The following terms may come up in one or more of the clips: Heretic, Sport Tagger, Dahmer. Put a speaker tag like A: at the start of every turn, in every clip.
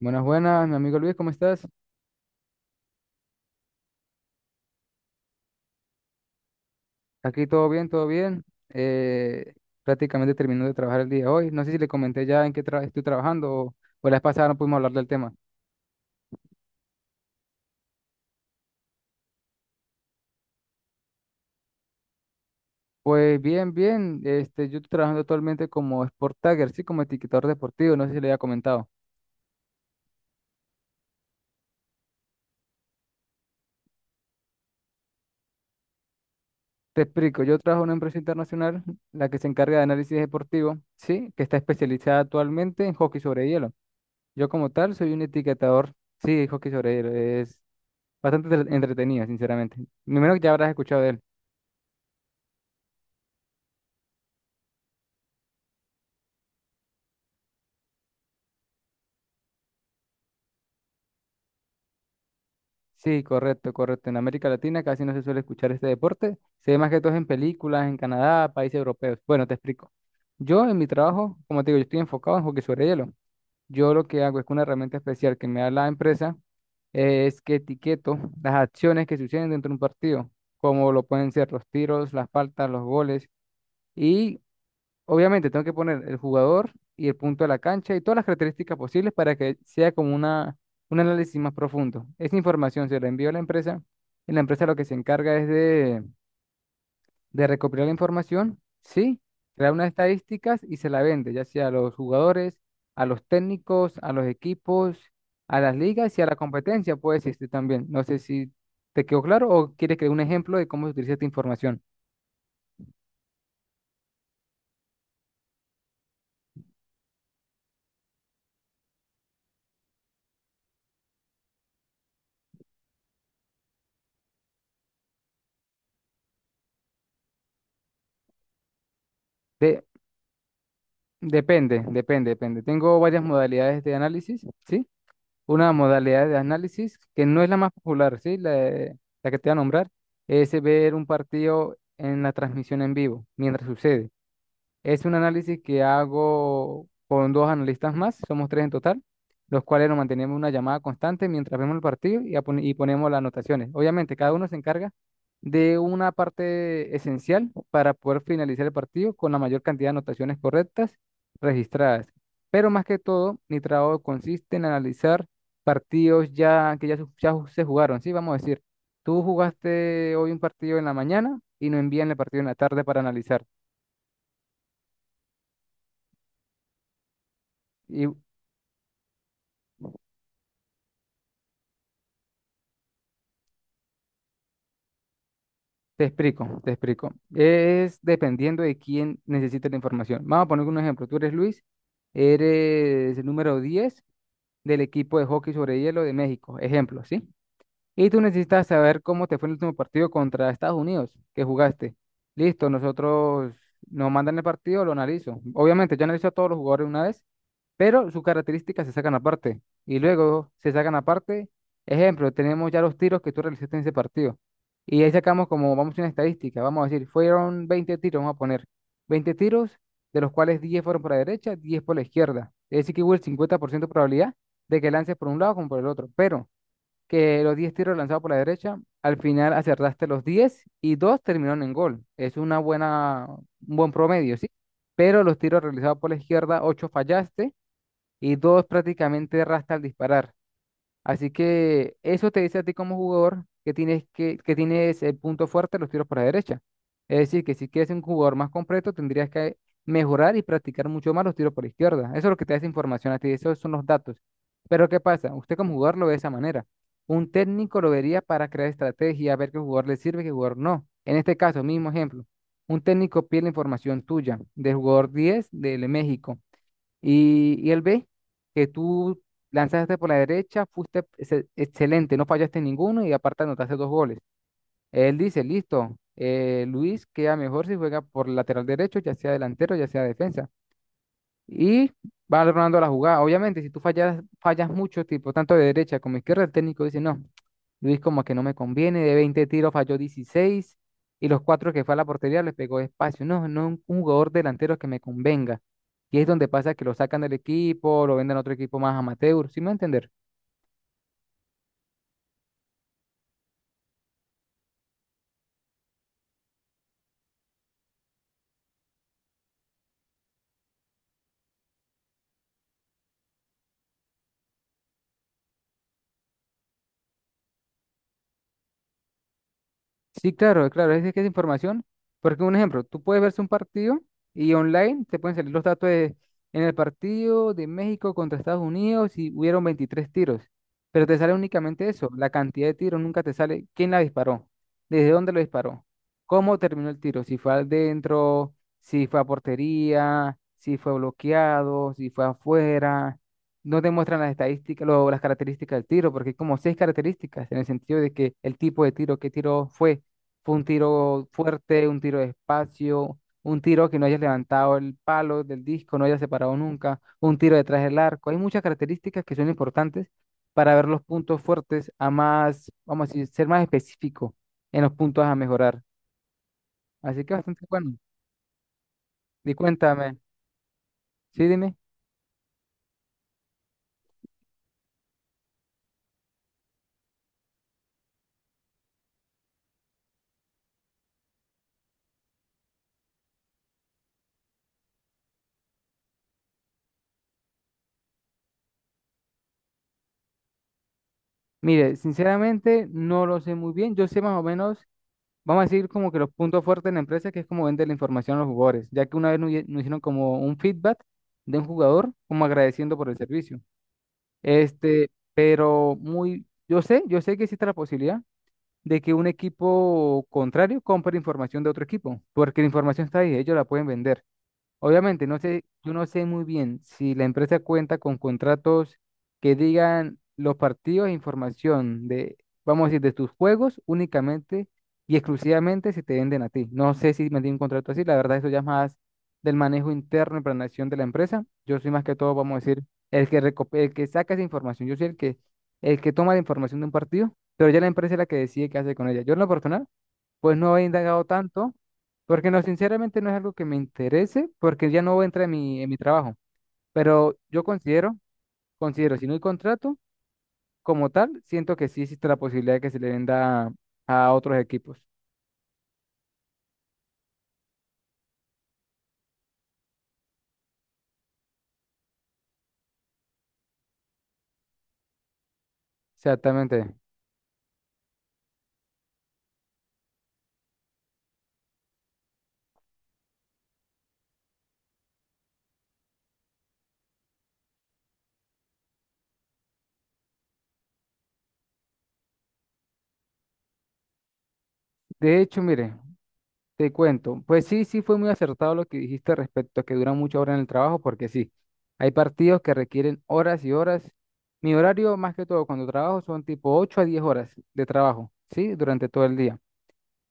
A: Buenas, buenas, mi amigo Luis, ¿cómo estás? Aquí todo bien, todo bien. Eh, prácticamente terminó de trabajar el día de hoy. No sé si le comenté ya en qué estoy trabajando o la vez pasada no pudimos hablar del tema. Pues bien, bien. Yo estoy trabajando actualmente como Sport Tagger, sí, como etiquetador deportivo. No sé si le había comentado. Te explico, yo trabajo en una empresa internacional, la que se encarga de análisis deportivo, sí, que está especializada actualmente en hockey sobre hielo. Yo como tal soy un etiquetador, sí, hockey sobre hielo. Es bastante entretenida, sinceramente. Primero que ya habrás escuchado de él. Sí, correcto, correcto. En América Latina casi no se suele escuchar este deporte. Se ve más que todo en películas, en Canadá, países europeos. Bueno, te explico. Yo en mi trabajo, como te digo, yo estoy enfocado en hockey sobre hielo. Yo lo que hago es que una herramienta especial que me da la empresa, es que etiqueto las acciones que suceden dentro de un partido, como lo pueden ser los tiros, las faltas, los goles. Y Obviamente, tengo que poner el jugador y el punto de la cancha y todas las características posibles para que sea como un análisis más profundo. Esa información se la envío a la empresa, y la empresa lo que se encarga es de recopilar la información, sí, crear unas estadísticas y se la vende, ya sea a los jugadores, a los técnicos, a los equipos, a las ligas y a la competencia, puede existir también. No sé si te quedó claro o quieres que dé un ejemplo de cómo se utiliza esta información. De Depende, depende, depende. Tengo varias modalidades de análisis, ¿sí? Una modalidad de análisis que no es la más popular, ¿sí? La que te voy a nombrar es ver un partido en la transmisión en vivo, mientras sucede. Es un análisis que hago con dos analistas más, somos tres en total, los cuales nos mantenemos una llamada constante mientras vemos el partido y ponemos las anotaciones. Obviamente, cada uno se encarga de una parte esencial para poder finalizar el partido con la mayor cantidad de anotaciones correctas registradas. Pero más que todo, mi trabajo consiste en analizar partidos ya que ya, se jugaron, ¿sí? Vamos a decir, tú jugaste hoy un partido en la mañana y nos envían el partido en la tarde para analizar. Y Te explico, te explico. Es dependiendo de quién necesita la información. Vamos a poner un ejemplo. Tú eres Luis, eres el número 10 del equipo de hockey sobre hielo de México. Ejemplo, ¿sí? Y tú necesitas saber cómo te fue el último partido contra Estados Unidos que jugaste. Listo, nosotros nos mandan el partido, lo analizo. Obviamente, yo analizo a todos los jugadores una vez, pero sus características se sacan aparte. Y luego se sacan aparte. Ejemplo, tenemos ya los tiros que tú realizaste en ese partido. Y ahí sacamos como, vamos a hacer una estadística, vamos a decir, fueron 20 tiros, vamos a poner 20 tiros, de los cuales 10 fueron por la derecha, 10 por la izquierda. Es decir, que hubo el 50% de probabilidad de que lances por un lado como por el otro. Pero que los 10 tiros lanzados por la derecha, al final acertaste los 10 y dos terminaron en gol. Es un buen promedio, ¿sí? Pero los tiros realizados por la izquierda, 8 fallaste y dos prácticamente erraste al disparar. Así que eso te dice a ti como jugador que tienes el punto fuerte, de los tiros por la derecha. Es decir, que si quieres ser un jugador más completo, tendrías que mejorar y practicar mucho más los tiros por la izquierda. Eso es lo que te da esa información a ti, esos son los datos. Pero ¿qué pasa? Usted como jugador lo ve de esa manera. Un técnico lo vería para crear estrategia, ver qué jugador le sirve y qué jugador no. En este caso, mismo ejemplo, un técnico pide la información tuya del jugador 10 de México y, él ve que tú lanzaste por la derecha, fuiste excelente, no fallaste ninguno y aparte anotaste dos goles. Él dice, listo, Luis queda mejor si juega por lateral derecho, ya sea delantero, ya sea defensa. Y va armando la jugada. Obviamente, si tú fallas, fallas mucho, tipo tanto de derecha como izquierda, el técnico dice, no, Luis como que no me conviene, de 20 tiros falló 16 y los cuatro que fue a la portería les pegó espacio. No, no un jugador delantero que me convenga. Y es donde pasa que lo sacan del equipo, lo venden a otro equipo más amateur, ¿sí me va a entender? Sí, claro, claro, es de que es información, porque un ejemplo, tú puedes verse un partido y online te pueden salir los datos de, en el partido de México contra Estados Unidos y hubieron 23 tiros, pero te sale únicamente eso, la cantidad de tiros, nunca te sale quién la disparó, desde dónde lo disparó, cómo terminó el tiro, si fue adentro, si fue a portería, si fue bloqueado, si fue afuera, no te muestran las estadísticas, las características del tiro, porque hay como seis características en el sentido de que el tipo de tiro, qué tiro fue un tiro fuerte, un tiro despacio, un tiro que no hayas levantado el palo del disco, no hayas separado nunca, un tiro detrás del arco. Hay muchas características que son importantes para ver los puntos fuertes a más, vamos a decir, ser más específico en los puntos a mejorar. Así que bastante bueno. Y cuéntame, sí, dime. Mire, sinceramente no lo sé muy bien. Yo sé más o menos. Vamos a decir como que los puntos fuertes de la empresa, que es como vender la información a los jugadores, ya que una vez nos hicieron como un feedback de un jugador, como agradeciendo por el servicio. Pero yo sé que existe la posibilidad de que un equipo contrario compre información de otro equipo, porque la información está ahí, ellos la pueden vender. Obviamente, no sé, yo no sé muy bien si la empresa cuenta con contratos que digan los partidos e información de, vamos a decir, de tus juegos únicamente y exclusivamente se te venden a ti. No sé si me un contrato así, la verdad eso ya es más del manejo interno y planeación de la empresa. Yo soy más que todo, vamos a decir, el que saca esa información. Yo soy el que toma la información de un partido, pero ya la empresa es la que decide qué hace con ella. Yo en lo personal, pues no he indagado tanto porque no, sinceramente no es algo que me interese, porque ya no entra en mi, trabajo. Pero yo considero, si no hay contrato, como tal, siento que sí existe la posibilidad de que se le venda a otros equipos. Exactamente. De hecho, mire, te cuento, pues sí, sí fue muy acertado lo que dijiste respecto a que dura muchas horas en el trabajo, porque sí, hay partidos que requieren horas y horas. Mi horario, más que todo, cuando trabajo, son tipo 8 a 10 horas de trabajo, ¿sí? Durante todo el día.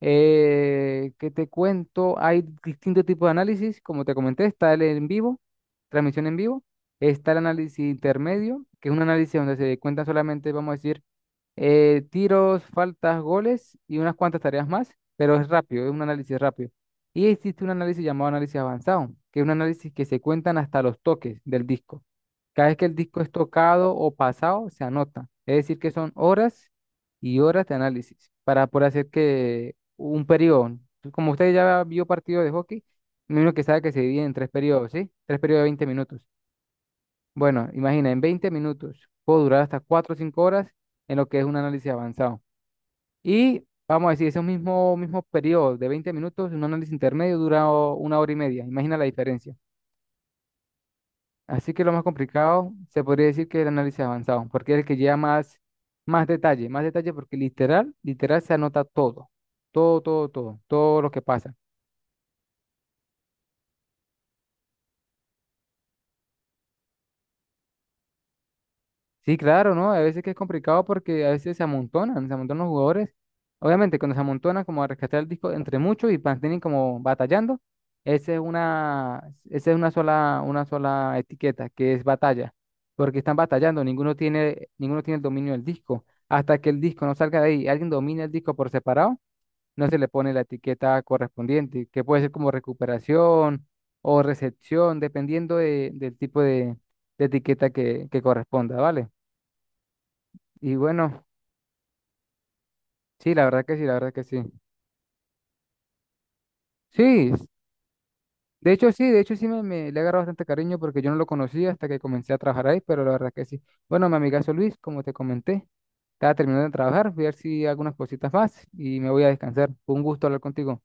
A: ¿Qué te cuento? Hay distintos tipos de análisis, como te comenté, está el en vivo, transmisión en vivo, está el análisis intermedio, que es un análisis donde se cuentan solamente, vamos a decir, tiros, faltas, goles y unas cuantas tareas más, pero es rápido, es un análisis rápido. Y existe un análisis llamado análisis avanzado, que es un análisis que se cuentan hasta los toques del disco. Cada vez que el disco es tocado o pasado, se anota. Es decir, que son horas y horas de análisis para poder hacer que un periodo. Como usted ya vio partido de hockey, me imagino que sabe que se divide en tres periodos, ¿sí? Tres periodos de 20 minutos. Bueno, imagina, en 20 minutos puedo durar hasta 4 o 5 horas en lo que es un análisis avanzado. Y vamos a decir, ese mismo periodo de 20 minutos, un análisis intermedio dura una hora y media. Imagina la diferencia. Así que lo más complicado se podría decir que es el análisis avanzado, porque es el que lleva más detalle porque literal, literal se anota todo, todo, todo, todo, todo lo que pasa. Sí, claro, ¿no? A veces que es complicado porque a veces se amontonan los jugadores. Obviamente, cuando se amontonan como a rescatar el disco entre muchos y mantienen como batallando, esa es una, esa es una sola etiqueta, que es batalla, porque están batallando, ninguno tiene el dominio del disco. Hasta que el disco no salga de ahí, y alguien domina el disco por separado, no se le pone la etiqueta correspondiente, que puede ser como recuperación o recepción, dependiendo del tipo de, etiqueta que corresponda, ¿vale? Y bueno, sí, la verdad que sí, la verdad que sí. Sí, de hecho sí, de hecho sí me le agarró bastante cariño porque yo no lo conocía hasta que comencé a trabajar ahí, pero la verdad que sí. Bueno, mi amigazo Luis, como te comenté, estaba terminando de trabajar, voy a ver si hago unas cositas más y me voy a descansar. Fue un gusto hablar contigo.